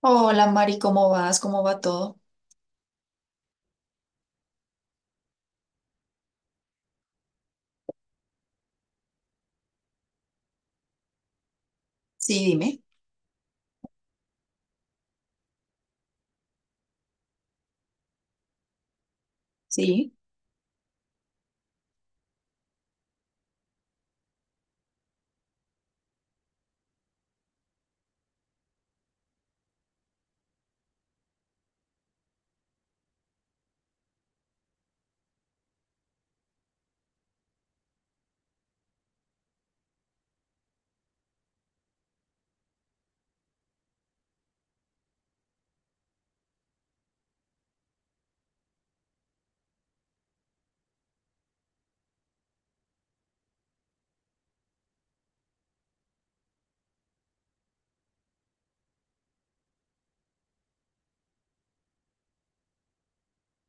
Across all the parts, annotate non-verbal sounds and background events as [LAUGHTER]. Hola Mari, ¿cómo vas? ¿Cómo va todo? Sí, dime. Sí.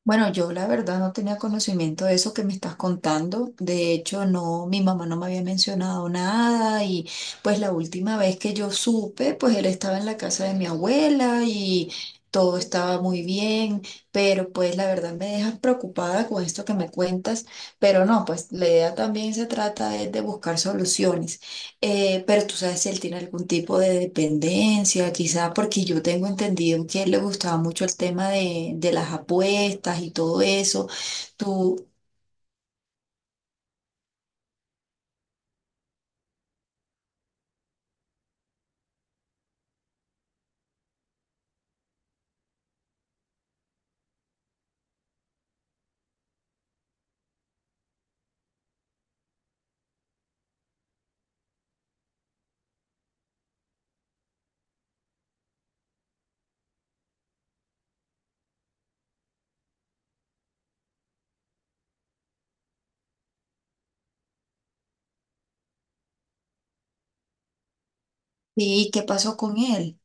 Bueno, yo la verdad no tenía conocimiento de eso que me estás contando. De hecho, no, mi mamá no me había mencionado nada y pues la última vez que yo supe, pues él estaba en la casa de mi abuela y todo estaba muy bien, pero pues la verdad me dejas preocupada con esto que me cuentas, pero no, pues la idea también se trata es de buscar soluciones. Pero tú sabes si él tiene algún tipo de dependencia, quizá porque yo tengo entendido que a él le gustaba mucho el tema de las apuestas y todo eso. Tú, ¿y qué pasó con él?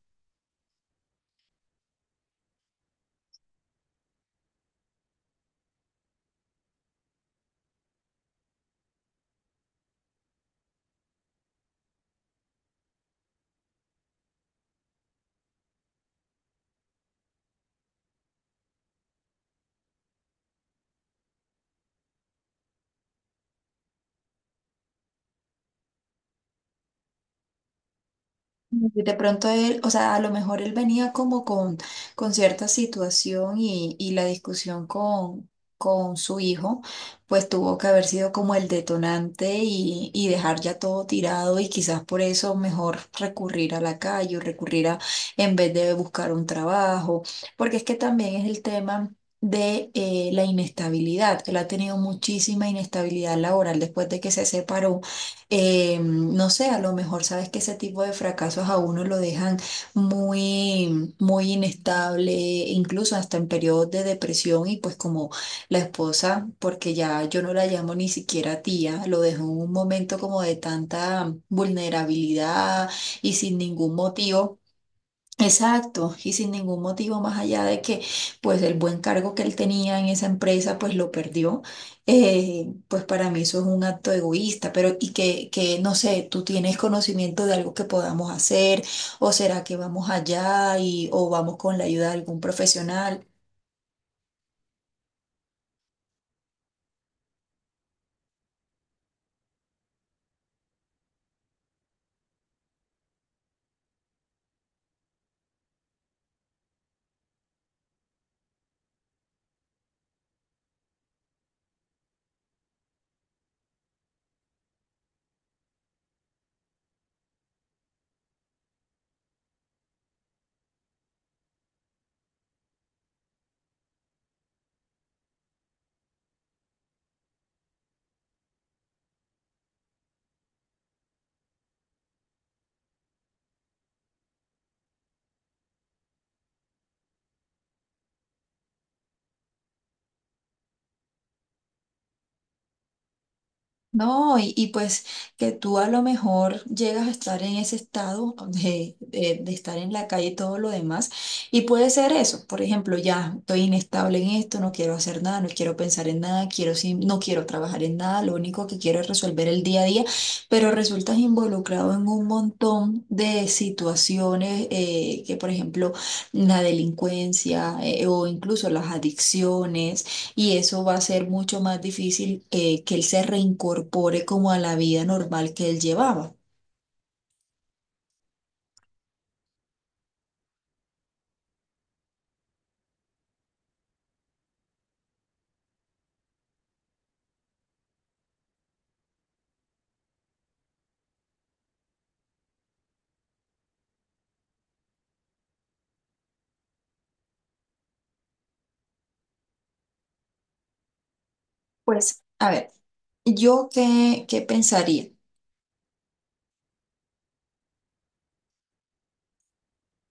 De pronto él, o sea, a lo mejor él venía como con cierta situación y la discusión con su hijo, pues tuvo que haber sido como el detonante y dejar ya todo tirado y quizás por eso mejor recurrir a la calle o recurrir a, en vez de buscar un trabajo, porque es que también es el tema. De la inestabilidad. Él ha tenido muchísima inestabilidad laboral después de que se separó, no sé, a lo mejor sabes que ese tipo de fracasos a uno lo dejan muy, muy inestable, incluso hasta en periodos de depresión y pues como la esposa, porque ya yo no la llamo ni siquiera tía, lo dejó en un momento como de tanta vulnerabilidad y sin ningún motivo. Exacto, y sin ningún motivo más allá de que pues el buen cargo que él tenía en esa empresa pues lo perdió, pues para mí eso es un acto egoísta, pero que no sé, tú tienes conocimiento de algo que podamos hacer o será que vamos allá y o vamos con la ayuda de algún profesional. No, y pues que tú a lo mejor llegas a estar en ese estado [LAUGHS] de, de estar en la calle y todo lo demás, y puede ser eso, por ejemplo, ya estoy inestable en esto, no quiero hacer nada, no quiero pensar en nada, quiero no quiero trabajar en nada, lo único que quiero es resolver el día a día, pero resultas involucrado en un montón de situaciones que, por ejemplo, la delincuencia, o incluso las adicciones, y eso va a ser mucho más difícil, que él se reincorpore como a la vida normal que él llevaba. Pues, a ver, ¿yo qué, qué pensaría?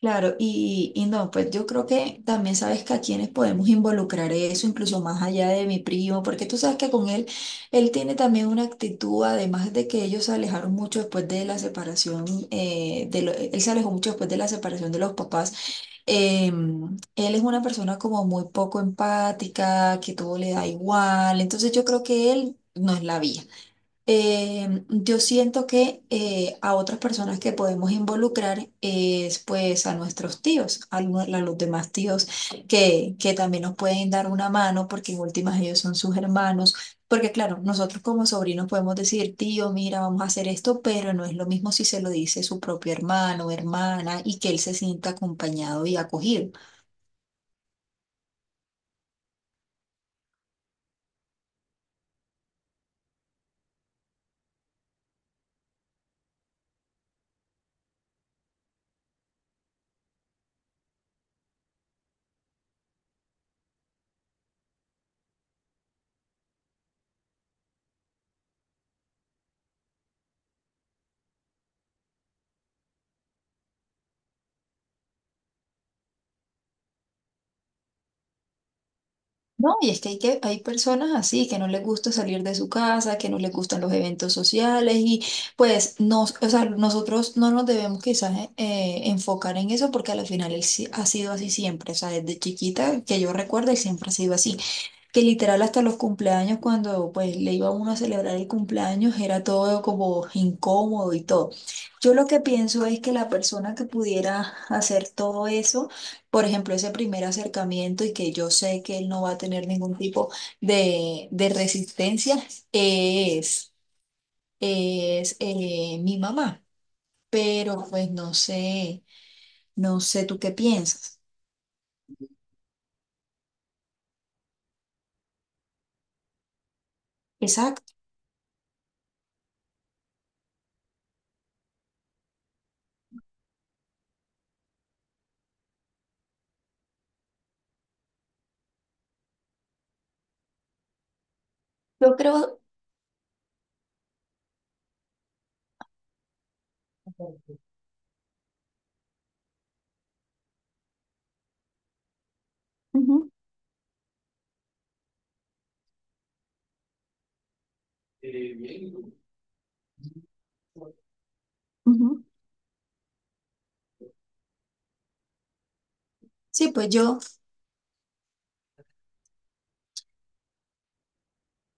Claro, y no, pues yo creo que también sabes que a quienes podemos involucrar eso, incluso más allá de mi primo, porque tú sabes que con él, él tiene también una actitud, además de que ellos se alejaron mucho después de la separación, de él se alejó mucho después de la separación de los papás. Él es una persona como muy poco empática, que todo le da igual, entonces yo creo que él no es la vía. Yo siento que a otras personas que podemos involucrar es pues a nuestros tíos, a los demás tíos que también nos pueden dar una mano porque en últimas ellos son sus hermanos, porque claro, nosotros como sobrinos podemos decir, tío, mira, vamos a hacer esto, pero no es lo mismo si se lo dice su propio hermano, hermana y que él se sienta acompañado y acogido. No, y es que que hay personas así que no les gusta salir de su casa, que no les gustan los eventos sociales y pues nos, o sea, nosotros no nos debemos quizás enfocar en eso porque al final él sí ha sido así siempre, o sea, desde chiquita que yo recuerdo él siempre ha sido así, que literal hasta los cumpleaños, cuando pues le iba uno a celebrar el cumpleaños, era todo como incómodo y todo. Yo lo que pienso es que la persona que pudiera hacer todo eso, por ejemplo, ese primer acercamiento y que yo sé que él no va a tener ningún tipo de resistencia, es, es mi mamá. Pero pues no sé, no sé tú qué piensas. Exacto. Yo creo... Ujú, ujú. Sí, pues yo,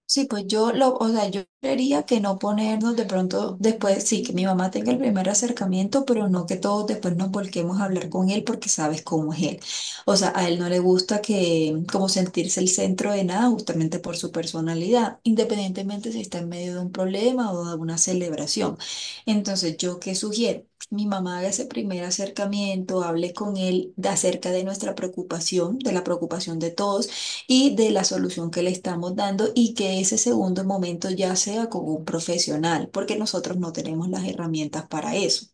Sí, pues yo lo, o sea, yo creería que no ponernos de pronto después, sí, que mi mamá tenga el primer acercamiento, pero no que todos después nos volquemos a hablar con él porque sabes cómo es él. O sea, a él no le gusta que como sentirse el centro de nada justamente por su personalidad, independientemente si está en medio de un problema o de una celebración. Entonces, ¿yo qué sugiero? Mi mamá haga ese primer acercamiento, hable con él acerca de nuestra preocupación, de la preocupación de todos y de la solución que le estamos dando y que ese segundo momento ya sea con un profesional, porque nosotros no tenemos las herramientas para eso.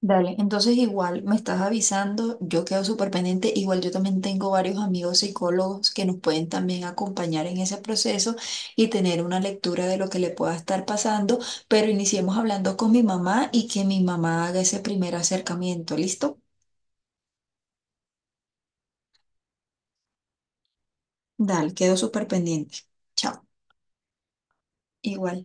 Dale, entonces igual me estás avisando, yo quedo súper pendiente, igual yo también tengo varios amigos psicólogos que nos pueden también acompañar en ese proceso y tener una lectura de lo que le pueda estar pasando, pero iniciemos hablando con mi mamá y que mi mamá haga ese primer acercamiento, ¿listo? Dale, quedo súper pendiente. Chao, igual.